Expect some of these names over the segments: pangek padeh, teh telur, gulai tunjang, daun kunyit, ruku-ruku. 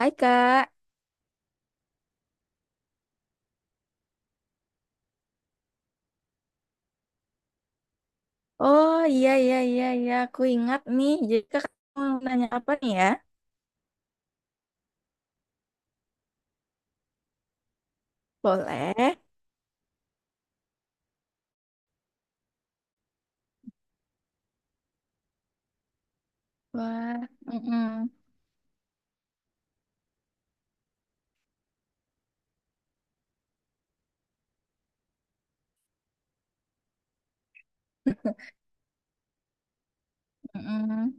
Hai Kak. Oh iya iya iya iya aku ingat nih. Jadi Kak mau nanya apa nih ya? Boleh. Wah, mm-mm, mm-mm.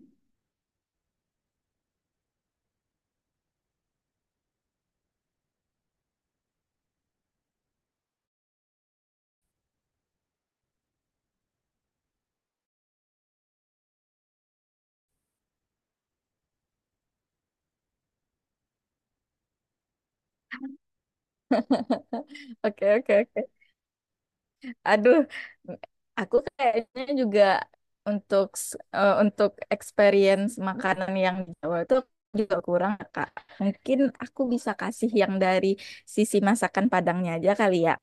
Oke oke oke. Aduh, aku kayaknya juga untuk experience makanan yang di Jawa itu juga kurang, Kak. Mungkin aku bisa kasih yang dari sisi masakan Padangnya aja kali ya.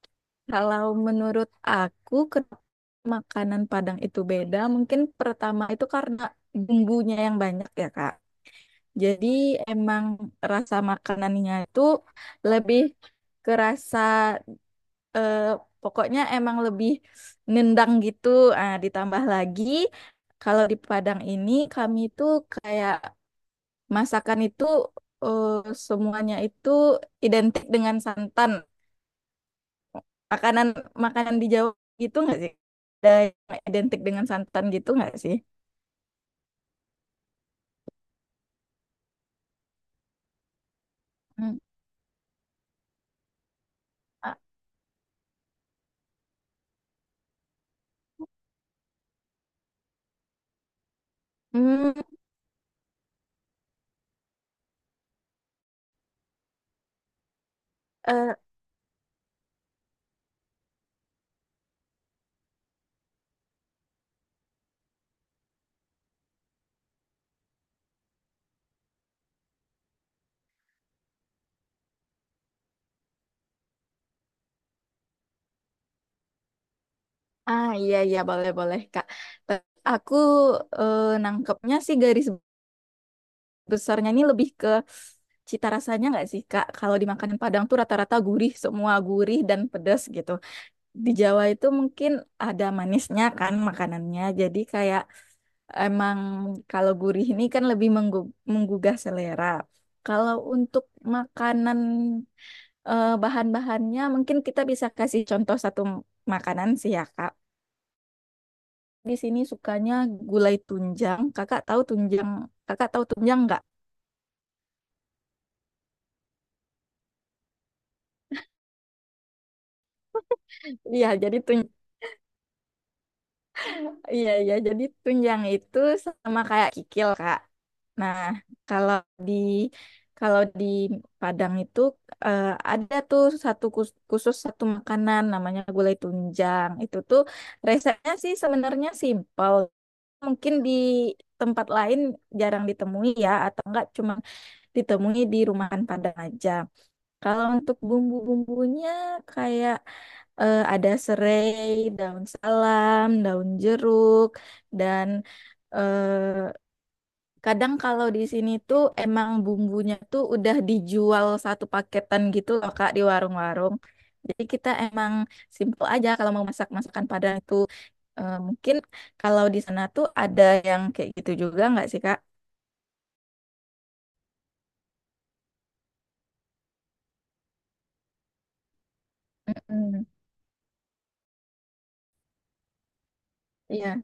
Kalau menurut aku, kenapa makanan Padang itu beda? Mungkin pertama itu karena bumbunya yang banyak ya, Kak. Jadi emang rasa makanannya itu lebih kerasa eh, pokoknya emang lebih nendang gitu. Ah, ditambah lagi kalau di Padang ini kami itu kayak masakan itu eh, semuanya itu identik dengan santan. Makanan makanan di Jawa gitu nggak sih? Ada yang identik dengan santan gitu nggak sih? Hmm. Ah, hmm, eh, ah, iya iya boleh boleh Kak. Tapi Aku nangkepnya sih garis besarnya ini lebih ke cita rasanya nggak sih Kak? Kalau di makanan Padang tuh rata-rata gurih, semua gurih dan pedas gitu. Di Jawa itu mungkin ada manisnya kan makanannya. Jadi kayak emang kalau gurih ini kan lebih menggugah selera. Kalau untuk makanan bahan-bahannya mungkin kita bisa kasih contoh satu makanan sih ya Kak. Di sini sukanya gulai tunjang. Kakak tahu tunjang? Kakak tahu tunjang nggak? Iya, jadi tunjang Iya, iya. Jadi tunjang itu sama kayak kikil, Kak. Nah, kalau di kalau di Padang itu eh, ada tuh satu khusus satu makanan namanya gulai tunjang. Itu tuh resepnya sih sebenarnya simpel. Mungkin di tempat lain jarang ditemui ya, atau enggak cuma ditemui di rumahan Padang aja. Kalau untuk bumbu-bumbunya kayak ada serai, daun salam, daun jeruk, dan eh, kadang kalau di sini tuh emang bumbunya tuh udah dijual satu paketan gitu loh Kak di warung-warung. Jadi kita emang simple aja kalau mau masak masakan Padang itu. Mungkin kalau di sana tuh ada yang kayak gitu juga nggak sih Kak? Mm-mm. Iya.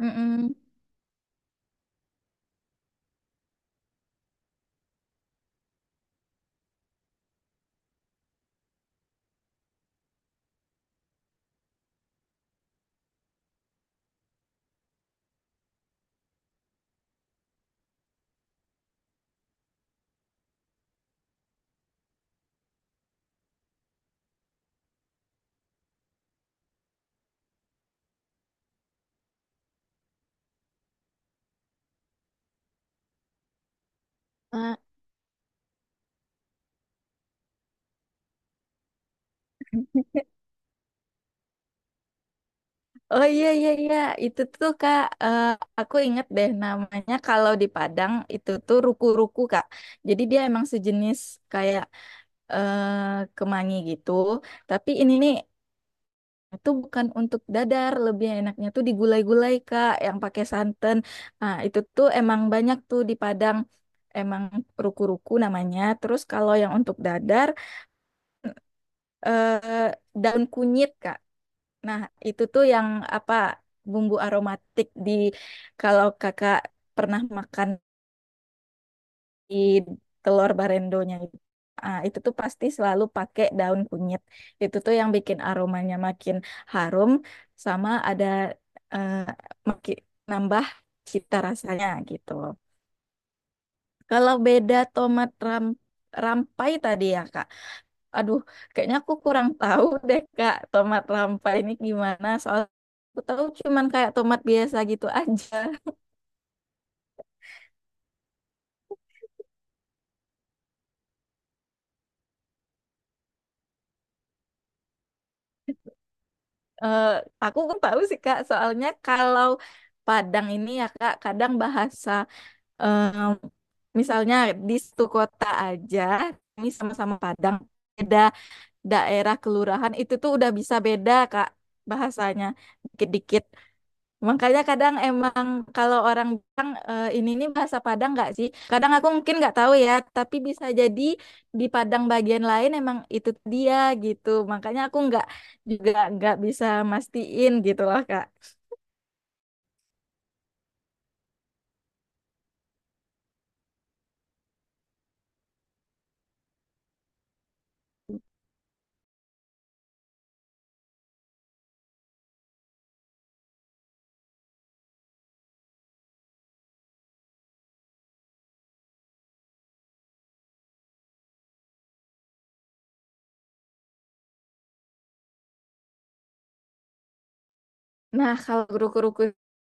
Mm-mm. Ah, oh iya iya iya, itu tuh Kak, aku inget deh namanya kalau di Padang itu tuh ruku-ruku Kak. Jadi dia emang sejenis kayak kemangi gitu. Tapi ini nih itu bukan untuk dadar, lebih enaknya tuh digulai-gulai Kak yang pakai santan. Nah, itu tuh emang banyak tuh di Padang. Emang ruku-ruku namanya. Terus kalau yang untuk dadar eh, daun kunyit Kak. Nah, itu tuh yang apa bumbu aromatik di kalau kakak pernah makan di telur barendonya itu. Ah, itu tuh pasti selalu pakai daun kunyit. Itu tuh yang bikin aromanya makin harum sama ada eh, maki- nambah cita rasanya gitu. Kalau beda tomat rampai tadi ya, Kak. Aduh, kayaknya aku kurang tahu deh Kak, tomat rampai ini gimana. Soal aku tahu cuman kayak tomat biasa gitu aja. Eh, aku nggak tahu sih Kak, soalnya kalau Padang ini ya Kak, kadang bahasa misalnya di satu kota aja, ini sama-sama Padang, beda daerah kelurahan itu tuh udah bisa beda Kak bahasanya dikit-dikit. Makanya kadang emang kalau orang bilang, "Eh, ini nih bahasa Padang nggak sih?" Kadang aku mungkin nggak tahu ya, tapi bisa jadi di Padang bagian lain emang itu dia gitu. Makanya aku nggak juga nggak bisa mastiin gitu loh Kak. Nah kalau guru-guruku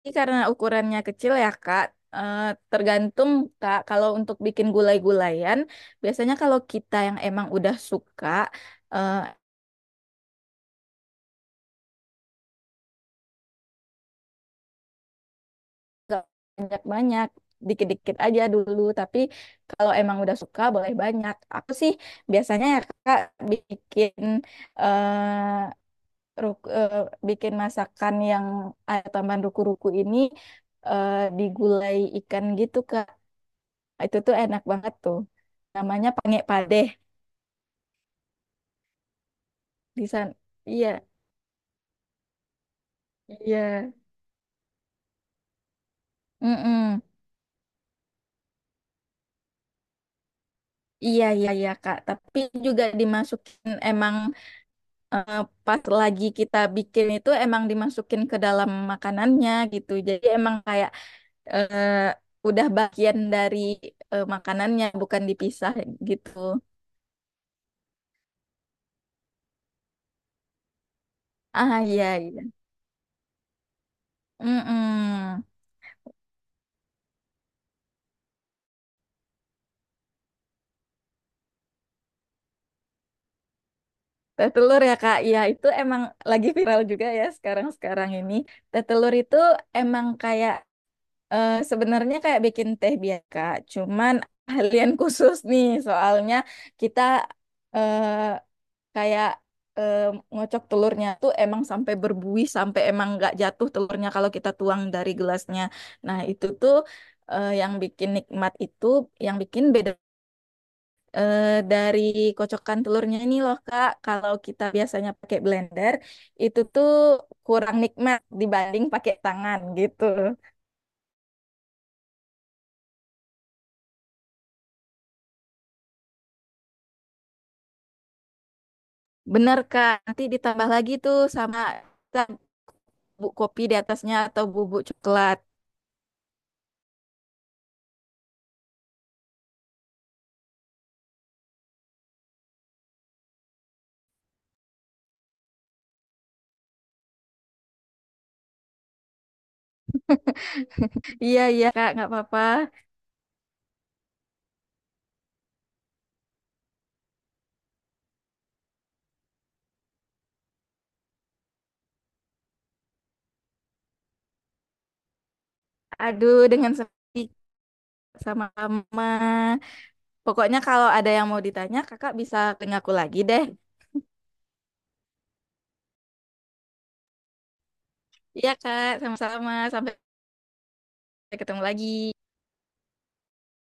ini karena ukurannya kecil ya Kak, eh, tergantung Kak. Kalau untuk bikin gulai-gulayan, biasanya kalau kita yang emang udah suka eh, gak banyak-banyak dikit-dikit aja dulu tapi kalau emang udah suka boleh banyak aku sih biasanya ya kak bikin eh, ruk- eh, bikin masakan yang ada tambahan ruku-ruku ini di gulai ikan gitu kak itu tuh enak banget tuh namanya pangek padeh di sana. Iya, iya. Mm-mm. Iya, iya, iya, Kak. Tapi juga dimasukin emang eh, pas lagi kita bikin itu emang dimasukin ke dalam makanannya gitu. Jadi emang kayak eh, udah bagian dari makanannya bukan dipisah gitu. Ah iya iya. Mm-mm. Teh telur ya Kak, ya itu emang lagi viral juga ya sekarang-sekarang ini. Teh telur itu emang kayak sebenarnya kayak bikin teh biasa, Kak. Cuman ahlian khusus nih soalnya kita eh, kayak eh, ngocok telurnya tuh emang sampai berbuih sampai emang nggak jatuh telurnya kalau kita tuang dari gelasnya. Nah, itu tuh yang bikin nikmat itu yang bikin beda dari kocokan telurnya ini loh Kak. Kalau kita biasanya pakai blender itu tuh kurang nikmat dibanding pakai tangan gitu. Bener Kak, nanti ditambah lagi tuh sama kita bubuk kopi di atasnya atau bubuk coklat. Iya iya Kak, nggak apa-apa. Aduh, dengan senang hati. Sama-sama. Pokoknya kalau ada yang mau ditanya, kakak bisa tanya aku lagi deh. Iya, Kak. Sama-sama. Sampai ketemu lagi.